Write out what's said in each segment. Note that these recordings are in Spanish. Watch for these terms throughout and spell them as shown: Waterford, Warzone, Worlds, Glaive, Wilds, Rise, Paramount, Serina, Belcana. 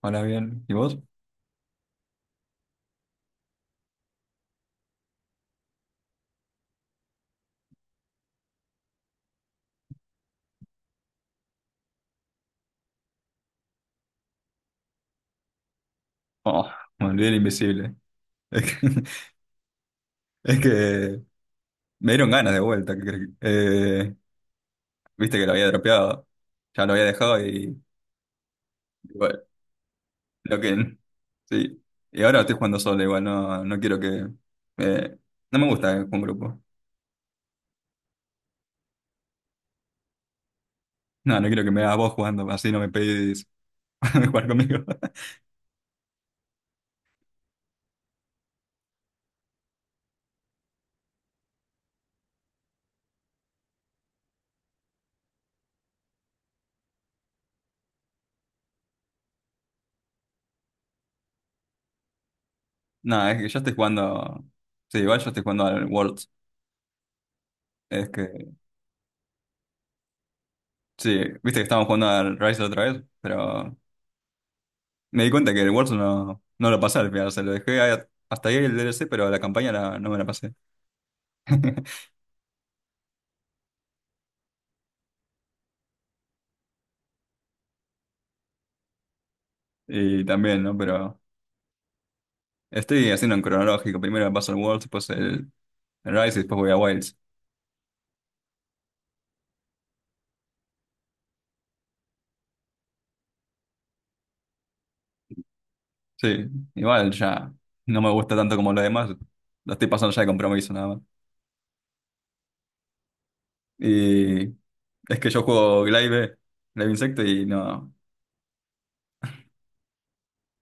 Hola, bien. ¿Y vos? Oh, me olvidé del invisible. Es que, es que me dieron ganas de vuelta. ¿Qué crees? Viste que lo había dropeado. Ya lo había dejado y bueno, lo que... Sí. Y ahora estoy jugando solo igual. No, no quiero que... eh, no me gusta jugar en grupo. No, no quiero que me hagas vos jugando. Así no me pedís jugar conmigo. No, es que yo estoy jugando... Sí, igual yo estoy jugando al Worlds. Es que... Sí, viste que estábamos jugando al Rise otra vez, pero... Me di cuenta que el Warzone no, no lo pasé al final, o sea, lo dejé a- hasta ahí el DLC, pero la campaña la- no me la pasé. Y también, ¿no? Pero estoy haciendo en cronológico. Primero me paso el Worlds, después el Rise y después voy a Wilds. Sí, igual ya no me gusta tanto como lo demás. Lo estoy pasando ya de compromiso nada más. Y es que yo juego Glaive, Glaive Insecto y no.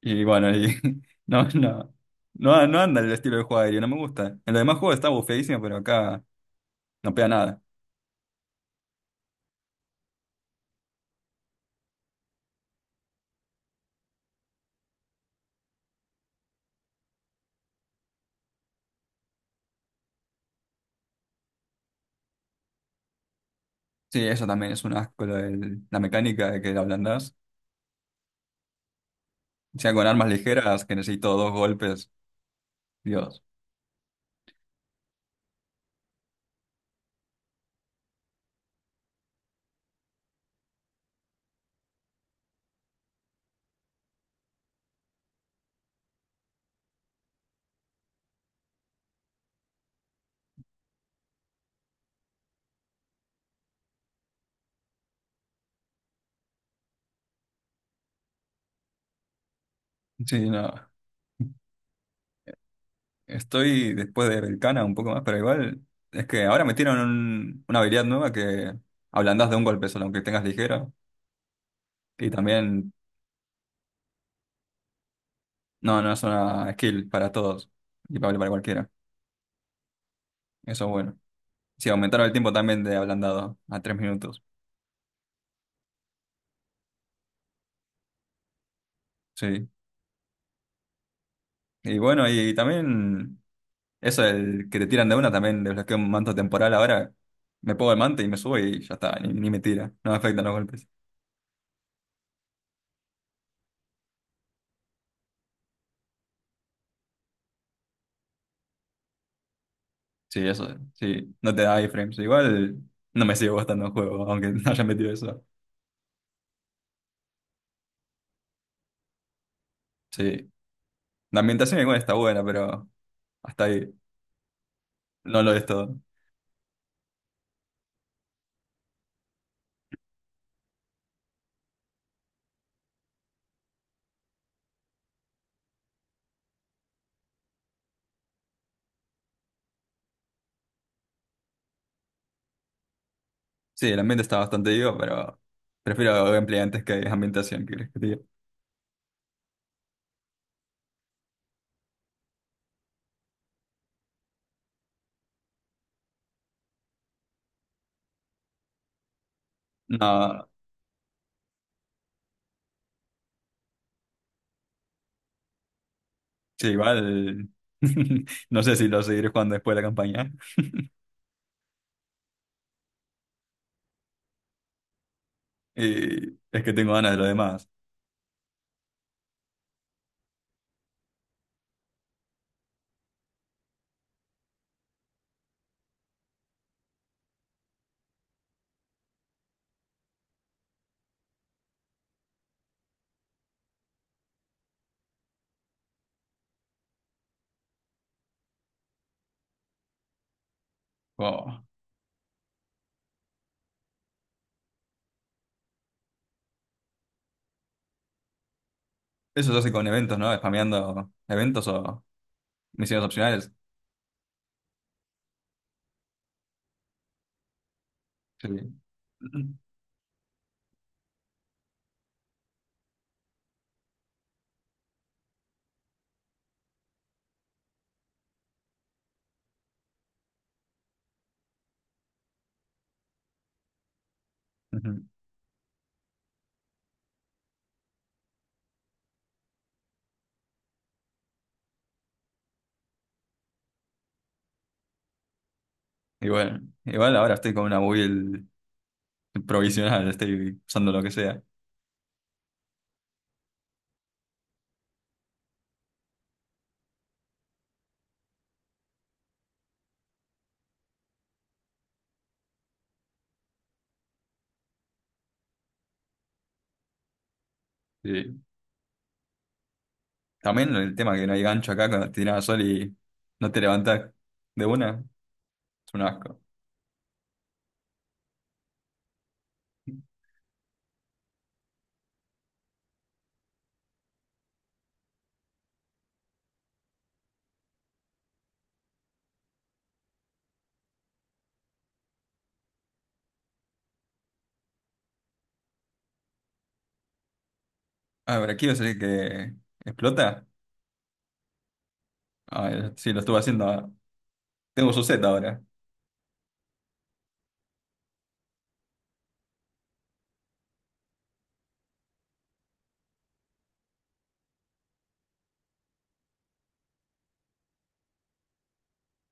Y bueno, y no, no. No, no anda el estilo de juego aéreo, no me gusta. En los demás juegos está bufeadísimo, pero acá no pega nada. Sí, eso también es un asco, lo del- la mecánica de que la ablandás. O sea, con armas ligeras que necesito dos golpes. Dios. Sí, no. Estoy después de Belcana un poco más, pero igual es que ahora metieron un- una habilidad nueva que ablandás de un golpe solo, aunque tengas ligera. Y también, no, no es una skill para todos y para cualquiera. Eso es bueno. Sí, aumentaron el tiempo también de ablandado a 3 minutos. Sí. Y bueno, y también. Eso, el que te tiran de una también desbloqueo un manto temporal ahora. Me pongo el manto y me subo y ya está, ni, ni me tira. No me afectan los golpes. Sí, eso, sí. No te da iframes. Igual no me sigue gustando el juego, aunque no haya metido eso. Sí. La ambientación igual está buena, pero hasta ahí. No lo es todo. Sí, el ambiente está bastante vivo, pero prefiero gameplay antes que ambientación, ¿qué crees que te diga? No, sí, igual. No sé si lo seguiré jugando después de la campaña. Y es que tengo ganas de lo demás. Wow. Eso yo sé con eventos, ¿no? Spameando eventos o misiones opcionales. Sí. Ujú. Igual, igual ahora estoy con una build provisional, estoy usando lo que sea. Sí. También el tema que no hay gancho acá cuando te tirás sol y no te levantás de una, es un asco. Ah, pero aquí es el que explota. Ah, sí, lo estuve haciendo. Tengo su set ahora.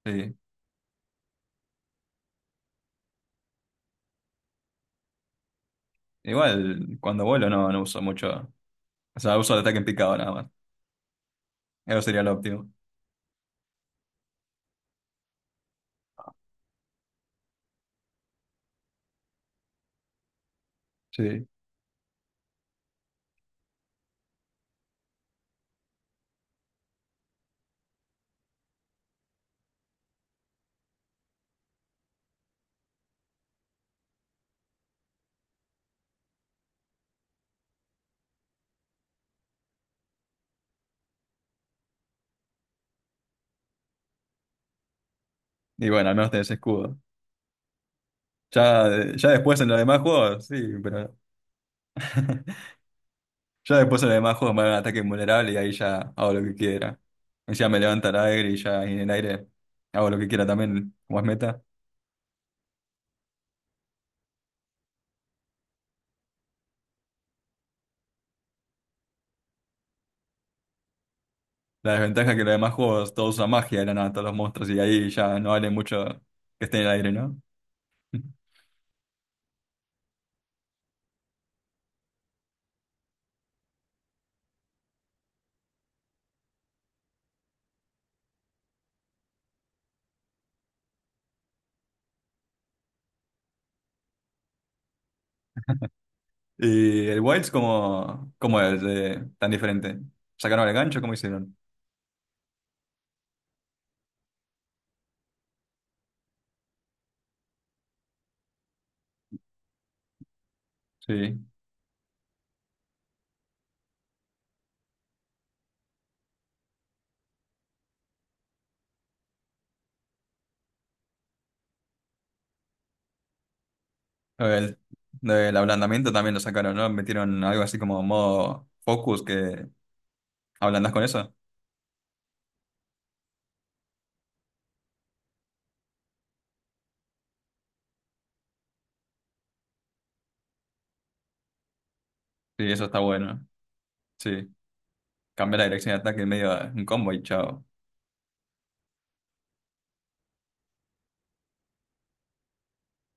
Sí. Igual cuando vuelo no, no uso mucho. O sea, uso el ataque en picado nada más. Eso sería lo óptimo. Sí. Y bueno, al menos tenés escudo. Ya, ya después en los demás juegos, sí, pero ya después en los demás juegos me dan ataque invulnerable y ahí ya hago lo que quiera. Encima me levanta el aire y ya en el aire hago lo que quiera también, como es meta. La desventaja es que en los demás juegos todos usan magia de la nada, todos los monstruos, y ahí ya no vale mucho que esté en el aire, ¿no? ¿Y el Wilds cómo, cómo es tan diferente? ¿Sacaron el gancho? ¿Cómo hicieron? Sí. El, el ablandamiento también lo sacaron, ¿no? Metieron algo así como modo focus que ablandas con eso. Sí, eso está bueno. Sí, cambia la dirección de ataque en medio de un combo y chao.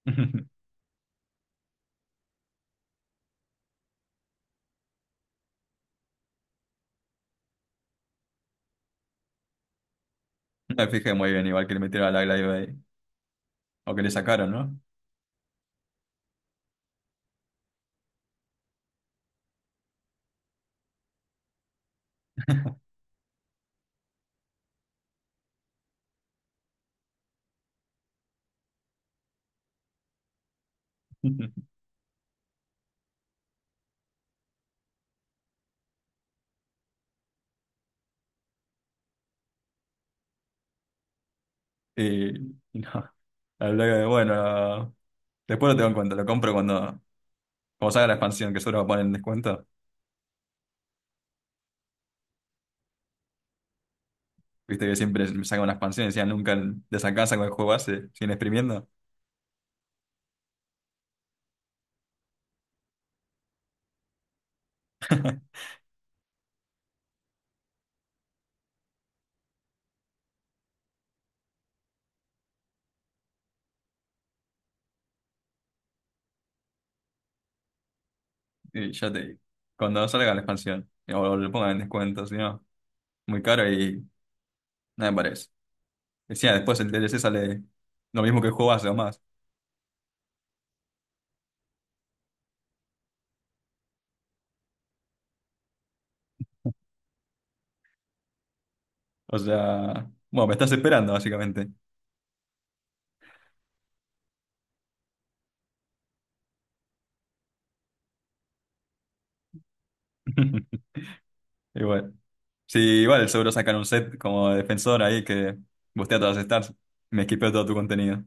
No me fijé muy bien, igual que le metieron a la Glaive ahí. O que le sacaron, ¿no? Y no, la Glaive, bueno, después lo tengo en cuenta, lo compro cuando, cuando salga la expansión, que solo lo ponen en descuento. Viste que siempre me sacan una expansión y decían nunca desacansa con el juego base, siguen exprimiendo. Y ya te digo, cuando salga la expansión, o lo pongan en descuento, si no, muy caro y nada me parece. Decía, después el DLC sale lo mismo que el juego base o más. O sea, bueno, me estás esperando, básicamente. Igual. Sí, igual, seguro sacan un set como de defensor ahí que bustea todas las stars. Me esquipeo todo tu contenido.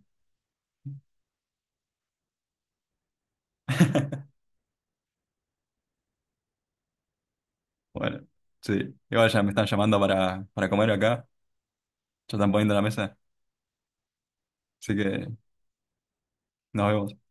Bueno, sí. Igual ya me están llamando para comer acá. Ya están poniendo la mesa. Así que nos vemos.